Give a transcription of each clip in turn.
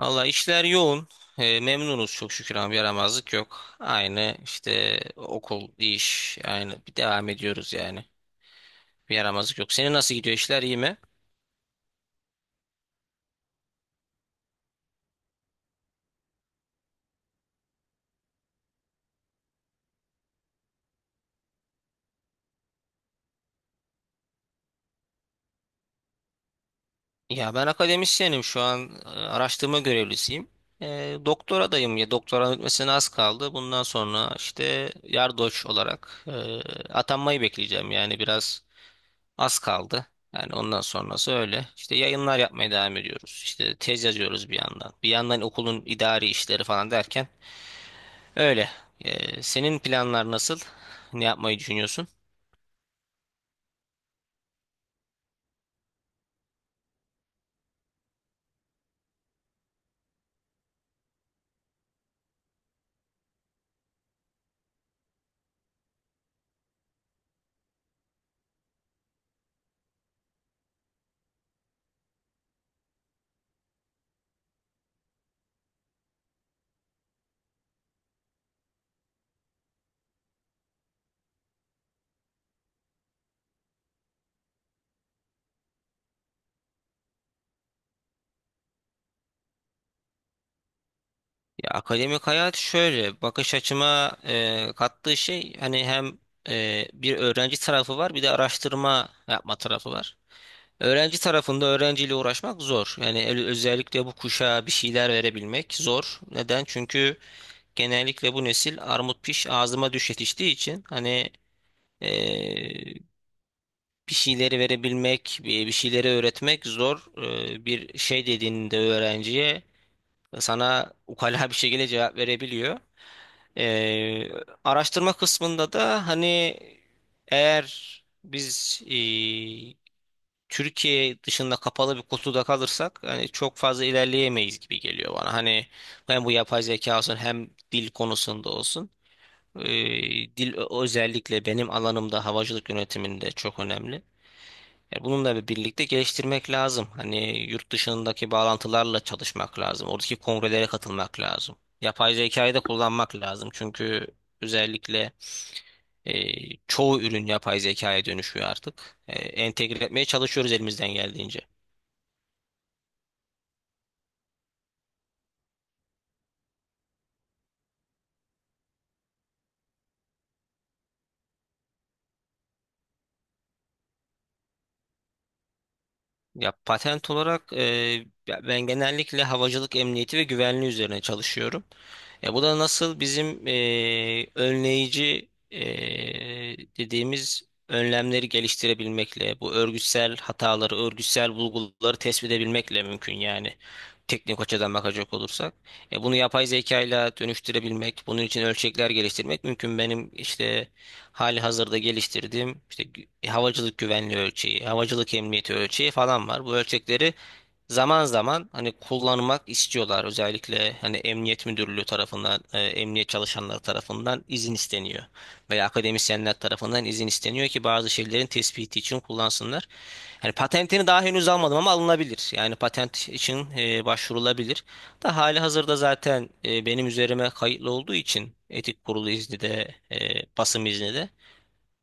Valla işler yoğun. Memnunuz çok şükür ama yaramazlık yok. Aynı işte okul, iş, aynı bir devam ediyoruz yani. Bir yaramazlık yok. Senin nasıl gidiyor işler iyi mi? Ya ben akademisyenim şu an, araştırma görevlisiyim. Doktoradayım ya doktoranın bitmesine az kaldı. Bundan sonra işte yardoç olarak atanmayı bekleyeceğim yani biraz az kaldı. Yani ondan sonrası öyle. İşte yayınlar yapmaya devam ediyoruz. İşte tez yazıyoruz bir yandan. Bir yandan okulun idari işleri falan derken öyle. Senin planlar nasıl? Ne yapmayı düşünüyorsun? Ya akademik hayat şöyle bakış açıma kattığı şey hani hem bir öğrenci tarafı var bir de araştırma yapma tarafı var. Öğrenci tarafında öğrenciyle uğraşmak zor. Yani özellikle bu kuşağa bir şeyler verebilmek zor. Neden? Çünkü genellikle bu nesil armut piş ağzıma düş yetiştiği için hani, eee, bir şeyleri verebilmek, bir şeyleri öğretmek zor. Bir şey dediğinde öğrenciye sana ukala bir şekilde cevap verebiliyor. Eee, Araştırma kısmında da hani eğer biz, Türkiye dışında kapalı bir kutuda kalırsak hani çok fazla ilerleyemeyiz gibi geliyor bana. Hani hem bu yapay zeka olsun hem dil konusunda olsun. Dil özellikle benim alanımda havacılık yönetiminde çok önemli. E, bununla birlikte geliştirmek lazım. Hani yurt dışındaki bağlantılarla çalışmak lazım. Oradaki kongrelere katılmak lazım. Yapay zekayı da kullanmak lazım. Çünkü özellikle e, çoğu ürün yapay zekaya dönüşüyor artık. E, entegre etmeye çalışıyoruz elimizden geldiğince. Ya patent olarak ya ben genellikle havacılık emniyeti ve güvenliği üzerine çalışıyorum. E, bu da nasıl bizim önleyici dediğimiz önlemleri geliştirebilmekle, bu örgütsel hataları, örgütsel bulguları tespit edebilmekle mümkün yani teknik açıdan bakacak olursak. E, bunu yapay zekayla dönüştürebilmek, bunun için ölçekler geliştirmek mümkün. Benim işte hali hazırda geliştirdiğim işte havacılık güvenliği ölçeği, havacılık emniyeti ölçeği falan var. Bu ölçekleri zaman zaman hani kullanmak istiyorlar. Özellikle hani emniyet müdürlüğü tarafından, emniyet çalışanları tarafından izin isteniyor. Veya akademisyenler tarafından izin isteniyor ki bazı şeylerin tespiti için kullansınlar. Yani patentini daha henüz almadım ama alınabilir. Yani patent için başvurulabilir. Da hali hazırda zaten benim üzerime kayıtlı olduğu için etik kurulu izni de basım izni de.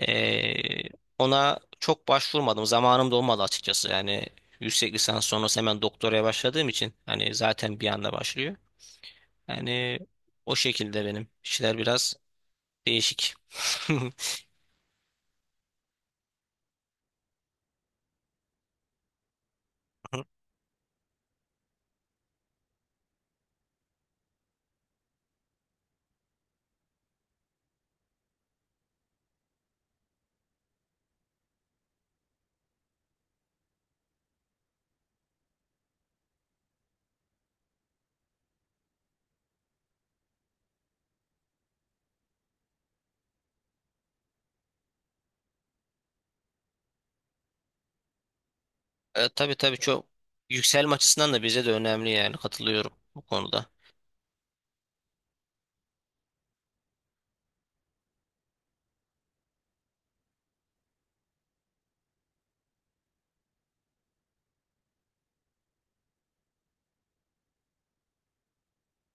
Ee, Ona çok başvurmadım. Zamanım da olmadı açıkçası. Yani yüksek lisans sonrası hemen doktoraya başladığım için hani zaten bir anda başlıyor. Yani o şekilde benim işler biraz değişik. E, tabii tabii çok yükselme açısından da bize de önemli yani katılıyorum bu konuda.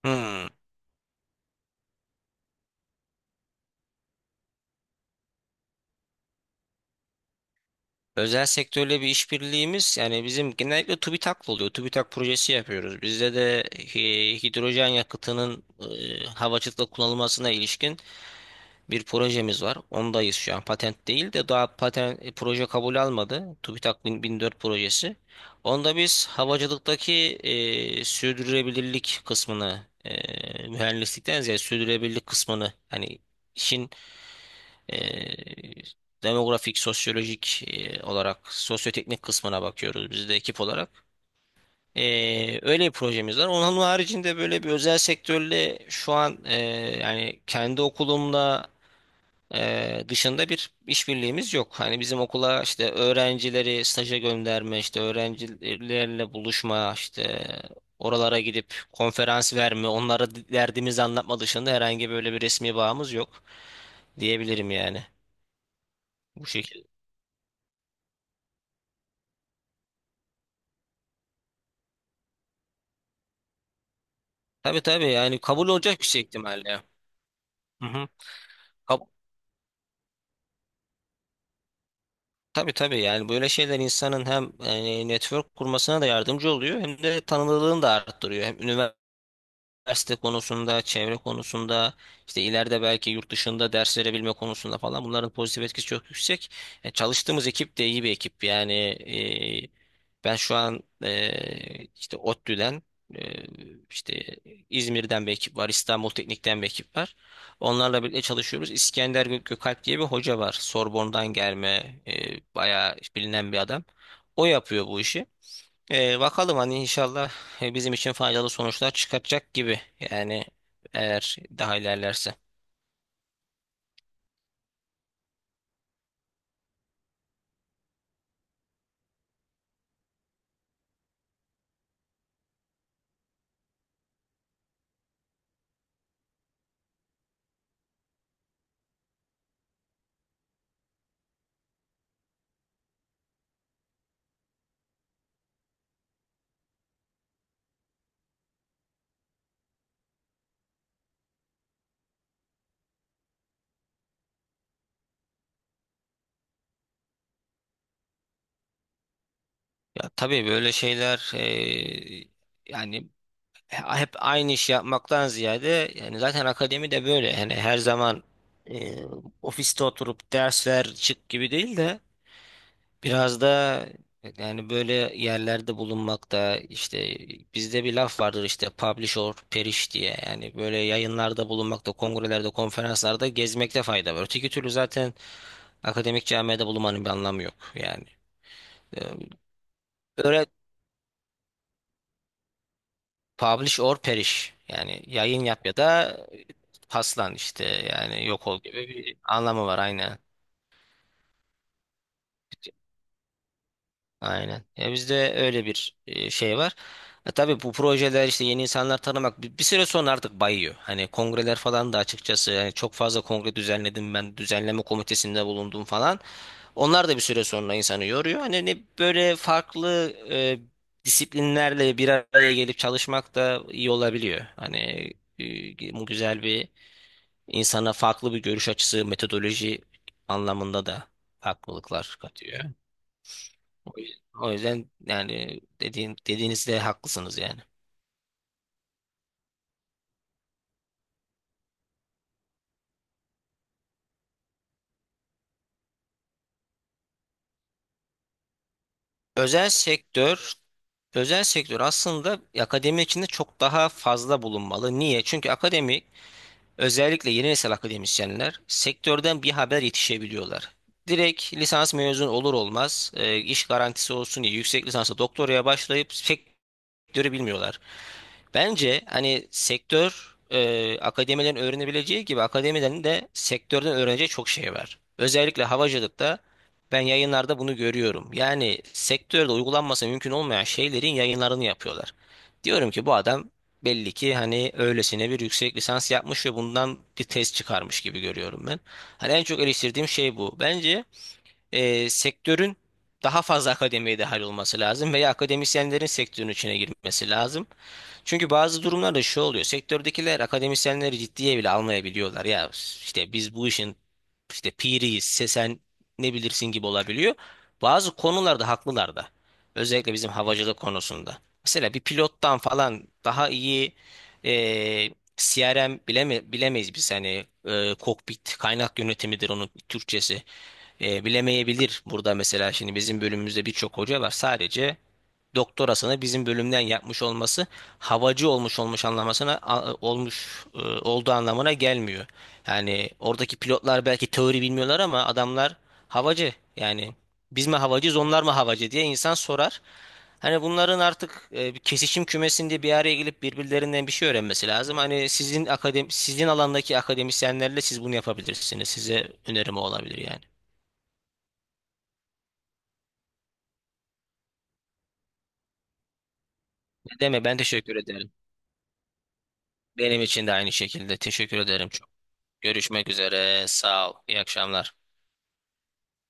Hmm. Özel sektörle bir işbirliğimiz yani bizim genellikle TÜBİTAK'la oluyor. TÜBİTAK projesi yapıyoruz. Bizde de hidrojen yakıtının havacılıkta kullanılmasına ilişkin bir projemiz var. Ondayız şu an. Patent değil de daha patent proje kabul almadı. TÜBİTAK 1000 1004 projesi. Onda biz havacılıktaki sürdürülebilirlik kısmını mühendislikten ziyade sürdürülebilirlik kısmını hani işin, e, demografik, sosyolojik olarak sosyoteknik kısmına bakıyoruz biz de ekip olarak. E, öyle bir projemiz var. Onun haricinde böyle bir özel sektörle şu an, yani kendi okulumla dışında bir işbirliğimiz yok. Hani bizim okula işte öğrencileri staja gönderme, işte öğrencilerle buluşma, işte oralara gidip konferans verme, onlara derdimizi anlatma dışında herhangi böyle bir resmi bağımız yok diyebilirim yani. Bu şekilde. Tabii tabii yani kabul olacak bir şey ihtimalle. Hı hı. Kab- Tabii tabii yani böyle şeyler insanın hem yani network kurmasına da yardımcı oluyor hem de tanınırlığını da arttırıyor. Hem üniversite konusunda, çevre konusunda, işte ileride belki yurt dışında ders verebilme konusunda falan bunların pozitif etkisi çok yüksek. E, çalıştığımız ekip de iyi bir ekip. Yani e, ben şu an, işte ODTÜ'den, e, işte İzmir'den bir ekip var, İstanbul Teknik'ten bir ekip var. Onlarla birlikte çalışıyoruz. İskender Gökalp diye bir hoca var. Sorbon'dan gelme, bayağı bilinen bir adam. O yapıyor bu işi. Bakalım hani inşallah bizim için faydalı sonuçlar çıkartacak gibi. Yani eğer daha ilerlerse. Ya tabii böyle şeyler, yani hep aynı iş yapmaktan ziyade yani zaten akademi de böyle. Yani her zaman e, ofiste oturup ders ver çık gibi değil de biraz da yani böyle yerlerde bulunmakta işte bizde bir laf vardır işte publish or perish diye yani böyle yayınlarda bulunmakta, kongrelerde, konferanslarda gezmekte fayda var. Öteki türlü zaten akademik camiada bulunmanın bir anlamı yok yani. Ee, Böyle publish or perish yani yayın yap ya da paslan işte yani yok ol gibi bir anlamı var aynen. Aynen. Ya bizde öyle bir şey var. E, tabii bu projeler işte yeni insanlar tanımak bir, bir süre sonra artık bayıyor. Hani kongreler falan da açıkçası yani çok fazla kongre düzenledim ben düzenleme komitesinde bulundum falan. Onlar da bir süre sonra insanı yoruyor. Hani ne böyle farklı disiplinlerle bir araya gelip çalışmak da iyi olabiliyor. Hani bu güzel bir insana farklı bir görüş açısı, metodoloji anlamında da farklılıklar katıyor. O yüzden o yüzden yani dediğinizde haklısınız yani. Özel sektör, özel sektör aslında akademi içinde çok daha fazla bulunmalı. Niye? Çünkü akademi, özellikle yeni nesil akademisyenler sektörden bir haber yetişebiliyorlar. Direkt lisans mezun olur olmaz, iş garantisi olsun diye yüksek lisansa doktoraya başlayıp sektörü bilmiyorlar. Bence hani sektör, akademilerin öğrenebileceği gibi akademilerin de sektörden öğreneceği çok şey var. Özellikle havacılıkta ben yayınlarda bunu görüyorum. Yani sektörde uygulanması mümkün olmayan şeylerin yayınlarını yapıyorlar. Diyorum ki bu adam belli ki hani öylesine bir yüksek lisans yapmış ve bundan bir tez çıkarmış gibi görüyorum ben. Hani en çok eleştirdiğim şey bu. Bence sektörün daha fazla akademiye dahil olması lazım veya akademisyenlerin sektörün içine girmesi lazım. Çünkü bazı durumlarda şu oluyor. Sektördekiler akademisyenleri ciddiye bile almayabiliyorlar. Ya işte biz bu işin işte piriyiz, sen ne bilirsin gibi olabiliyor. Bazı konularda haklılar da. Özellikle bizim havacılık konusunda. Mesela bir pilottan falan daha iyi e, CRM bilemeyiz biz. Hani kokpit kaynak yönetimidir onun Türkçesi. E, bilemeyebilir burada mesela şimdi bizim bölümümüzde birçok hoca var sadece doktorasını bizim bölümden yapmış olması havacı olmuş anlamasına olmuş olduğu anlamına gelmiyor. Yani oradaki pilotlar belki teori bilmiyorlar ama adamlar havacı. Yani biz mi havacıyız onlar mı havacı diye insan sorar. Hani bunların artık bir kesişim kümesinde bir araya gelip birbirlerinden bir şey öğrenmesi lazım. Hani sizin akademi sizin alandaki akademisyenlerle siz bunu yapabilirsiniz. Size önerim o olabilir yani. Ne deme ben teşekkür ederim. Benim için de aynı şekilde teşekkür ederim. Görüşmek üzere. Sağ ol. İyi akşamlar.